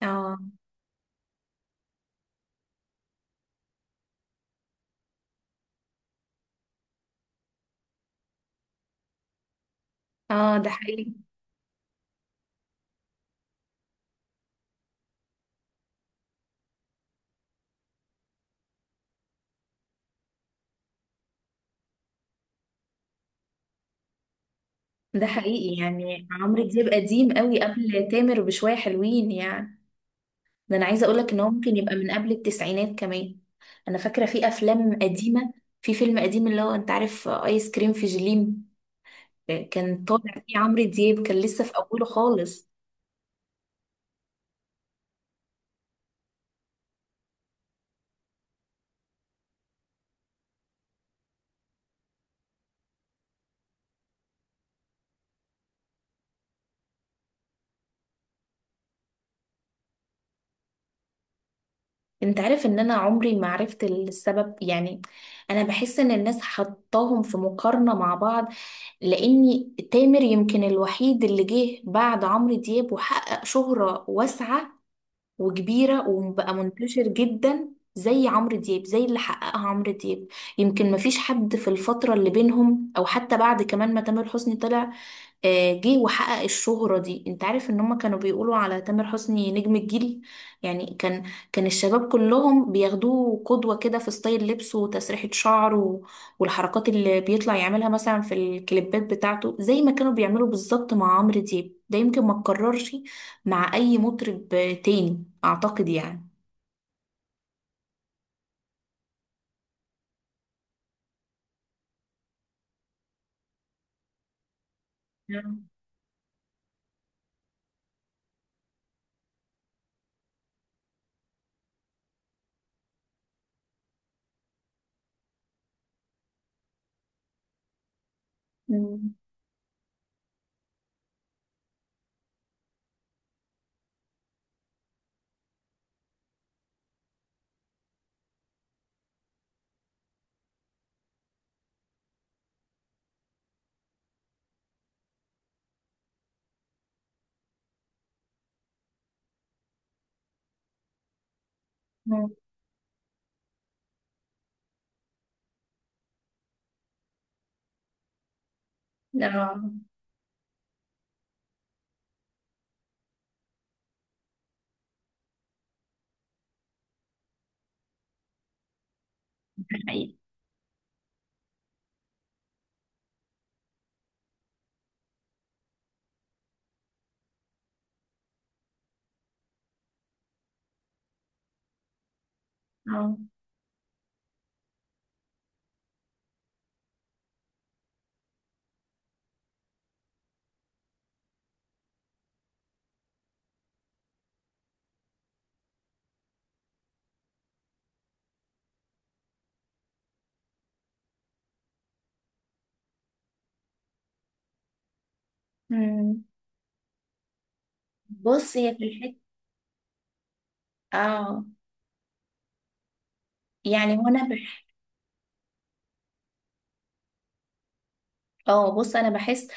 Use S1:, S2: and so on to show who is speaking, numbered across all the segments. S1: اه، اه، ده حقيقي، ده حقيقي. يعني عمرو دياب قديم قوي قبل تامر بشوية حلوين يعني. ده انا عايزة اقولك ان هو ممكن يبقى من قبل التسعينات كمان. انا فاكرة في افلام قديمة، في فيلم قديم اللي هو انت عارف ايس كريم في جليم. كان طالع فيه عمرو دياب، كان لسه في اوله خالص. انت عارف ان انا عمري ما عرفت السبب يعني. انا بحس ان الناس حطاهم في مقارنة مع بعض، لأني تامر يمكن الوحيد اللي جه بعد عمرو دياب وحقق شهرة واسعة وكبيرة وبقى منتشر جدا، زي عمرو دياب، زي اللي حققها عمرو دياب. يمكن مفيش حد في الفترة اللي بينهم أو حتى بعد كمان ما تامر حسني طلع. جه وحقق الشهرة دي. انت عارف ان هم كانوا بيقولوا على تامر حسني نجم الجيل، يعني كان الشباب كلهم بياخدوه قدوة كده في ستايل لبسه وتسريحة شعره والحركات اللي بيطلع يعملها مثلا في الكليبات بتاعته زي ما كانوا بيعملوا بالظبط مع عمرو دياب. ده يمكن ما اتكررش مع اي مطرب تاني اعتقد يعني. نعم. مم. مم. لا، حقيقي. اه. مم. بص هي في الحتة، اه، يعني هنا، اه، بص انا بحس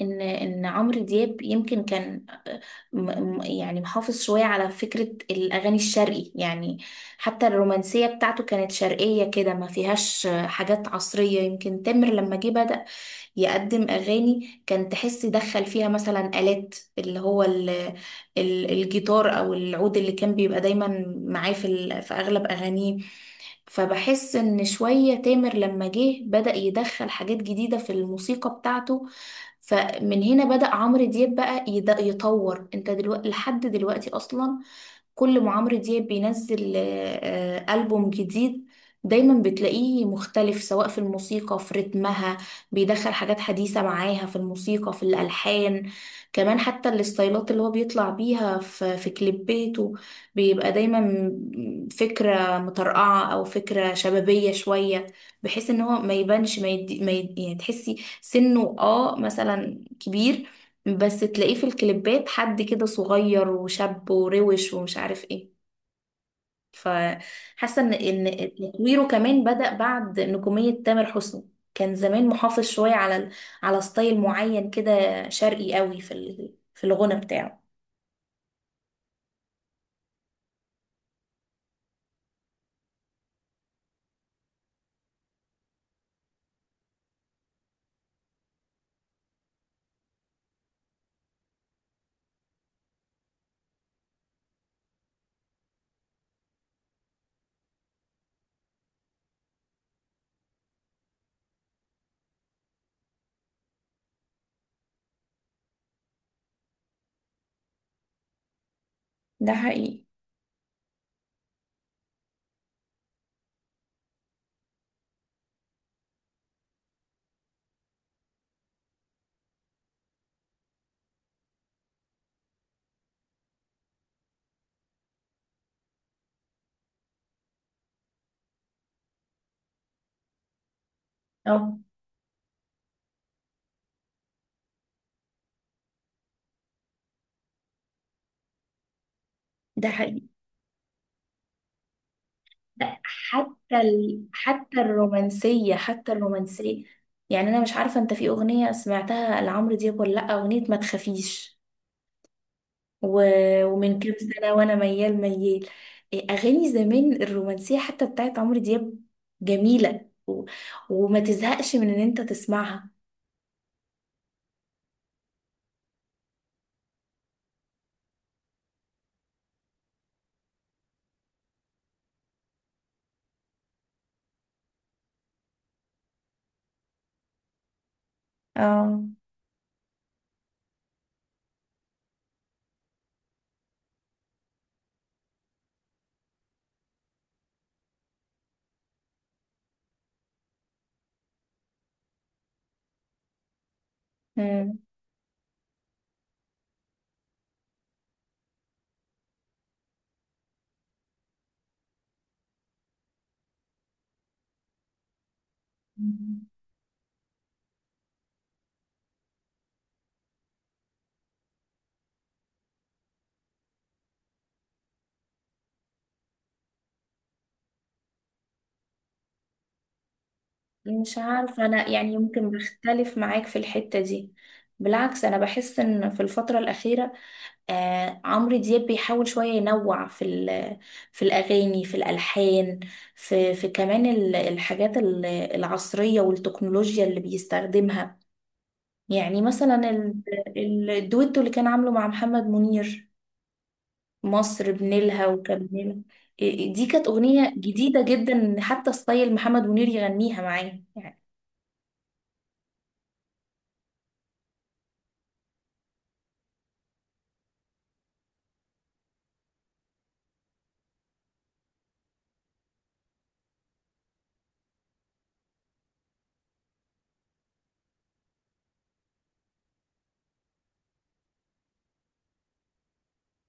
S1: ان عمرو دياب يمكن كان، يعني محافظ شويه على فكره الاغاني الشرقي يعني. حتى الرومانسيه بتاعته كانت شرقيه كده ما فيهاش حاجات عصريه. يمكن تامر لما جه بدأ يقدم اغاني، كان تحس دخل فيها مثلا آلات اللي هو ال ال الجيتار او العود اللي كان بيبقى دايما معاه في اغلب اغانيه. فبحس ان شوية تامر لما جه بدأ يدخل حاجات جديدة في الموسيقى بتاعته. فمن هنا بدأ عمرو دياب بقى يطور. انت دلوقتي لحد دلوقتي اصلا كل ما عمرو دياب بينزل ألبوم جديد، دايما بتلاقيه مختلف، سواء في الموسيقى في رتمها بيدخل حاجات حديثة معاها في الموسيقى في الألحان. كمان حتى الستايلات اللي هو بيطلع بيها في كليباته بيبقى دايما فكرة مطرقعة أو فكرة شبابية شوية، بحيث ان هو ما يبانش، ما يدي، يعني تحسي سنه مثلا كبير، بس تلاقيه في الكليبات حد كده صغير وشاب وروش ومش عارف ايه. فحاسه ان تطويره كمان بدأ بعد نجوميه تامر حسني. كان زمان محافظ شويه على ستايل معين كده، شرقي قوي في الغنى بتاعه. ده حقيقي، اه، ده حقيقي. ده حتى حتى الرومانسيه، حتى الرومانسيه. يعني انا مش عارفه انت في اغنيه سمعتها لعمرو دياب ولا لا، اغنيه ما تخافيش، ومن كام سنة، وأنا ميال ميال. إيه، أغاني زمان الرومانسية حتى بتاعت عمرو دياب جميلة وما تزهقش من إن أنت تسمعها. اه. مم. مش عارفة أنا، يعني يمكن بختلف معاك في الحتة دي. بالعكس أنا بحس إن في الفترة الأخيرة عمرو دياب بيحاول شوية ينوع في الأغاني في الألحان، في كمان الحاجات العصرية والتكنولوجيا اللي بيستخدمها. يعني مثلا الدويتو اللي كان عامله مع محمد منير، مصر بنيلها، وكان بنيلها. دي كانت أغنية جديدة جدا، إن حتى ستايل محمد منير يغنيها معاه يعني.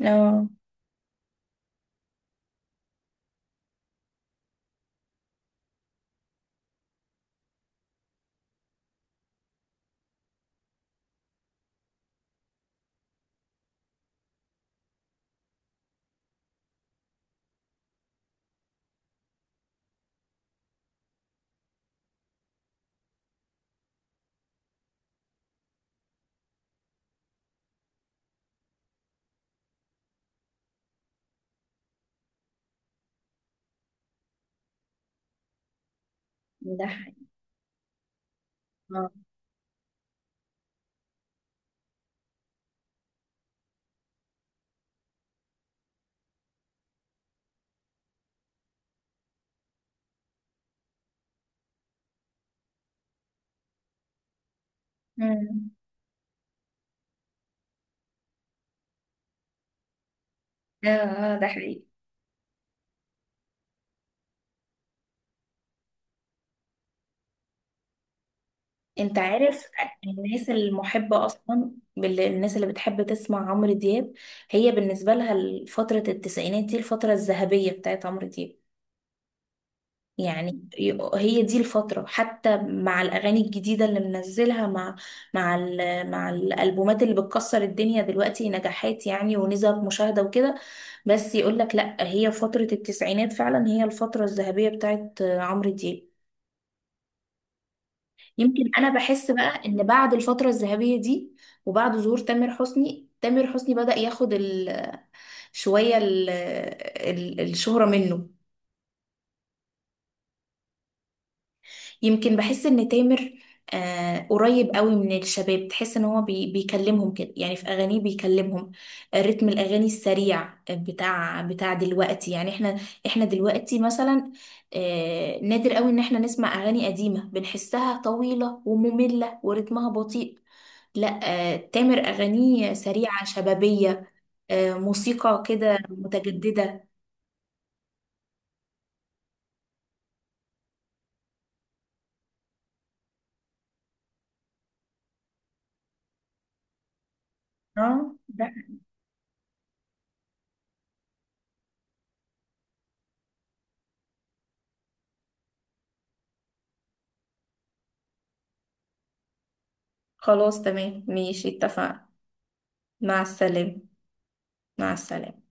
S1: اه، ده حقيقي، اه. أمم. اه، ده حقيقي. انت عارف الناس المحبة اصلا، الناس اللي بتحب تسمع عمرو دياب، هي بالنسبة لها فترة التسعينات دي الفترة الذهبية بتاعت عمرو دياب. يعني هي دي الفترة، حتى مع الأغاني الجديدة اللي منزلها، مع مع الألبومات اللي بتكسر الدنيا دلوقتي نجاحات يعني ونسب مشاهدة وكده، بس يقولك لأ، هي فترة التسعينات فعلا هي الفترة الذهبية بتاعت عمرو دياب. يمكن أنا بحس بقى إن بعد الفترة الذهبية دي وبعد ظهور تامر حسني بدأ ياخد، شوية الشهرة منه. يمكن بحس ان تامر قريب قوي من الشباب، تحس ان هو بيكلمهم كده، يعني في اغانيه بيكلمهم. رتم الاغاني السريع بتاع دلوقتي، يعني احنا دلوقتي مثلا نادر قوي ان احنا نسمع اغاني قديمة بنحسها طويلة ومملة ورتمها بطيء. لا، تامر اغانيه سريعة شبابية، موسيقى كده متجددة. اه، ده خلاص، تمام، ماشي، اتفقنا. مع السلامة. مع السلامة.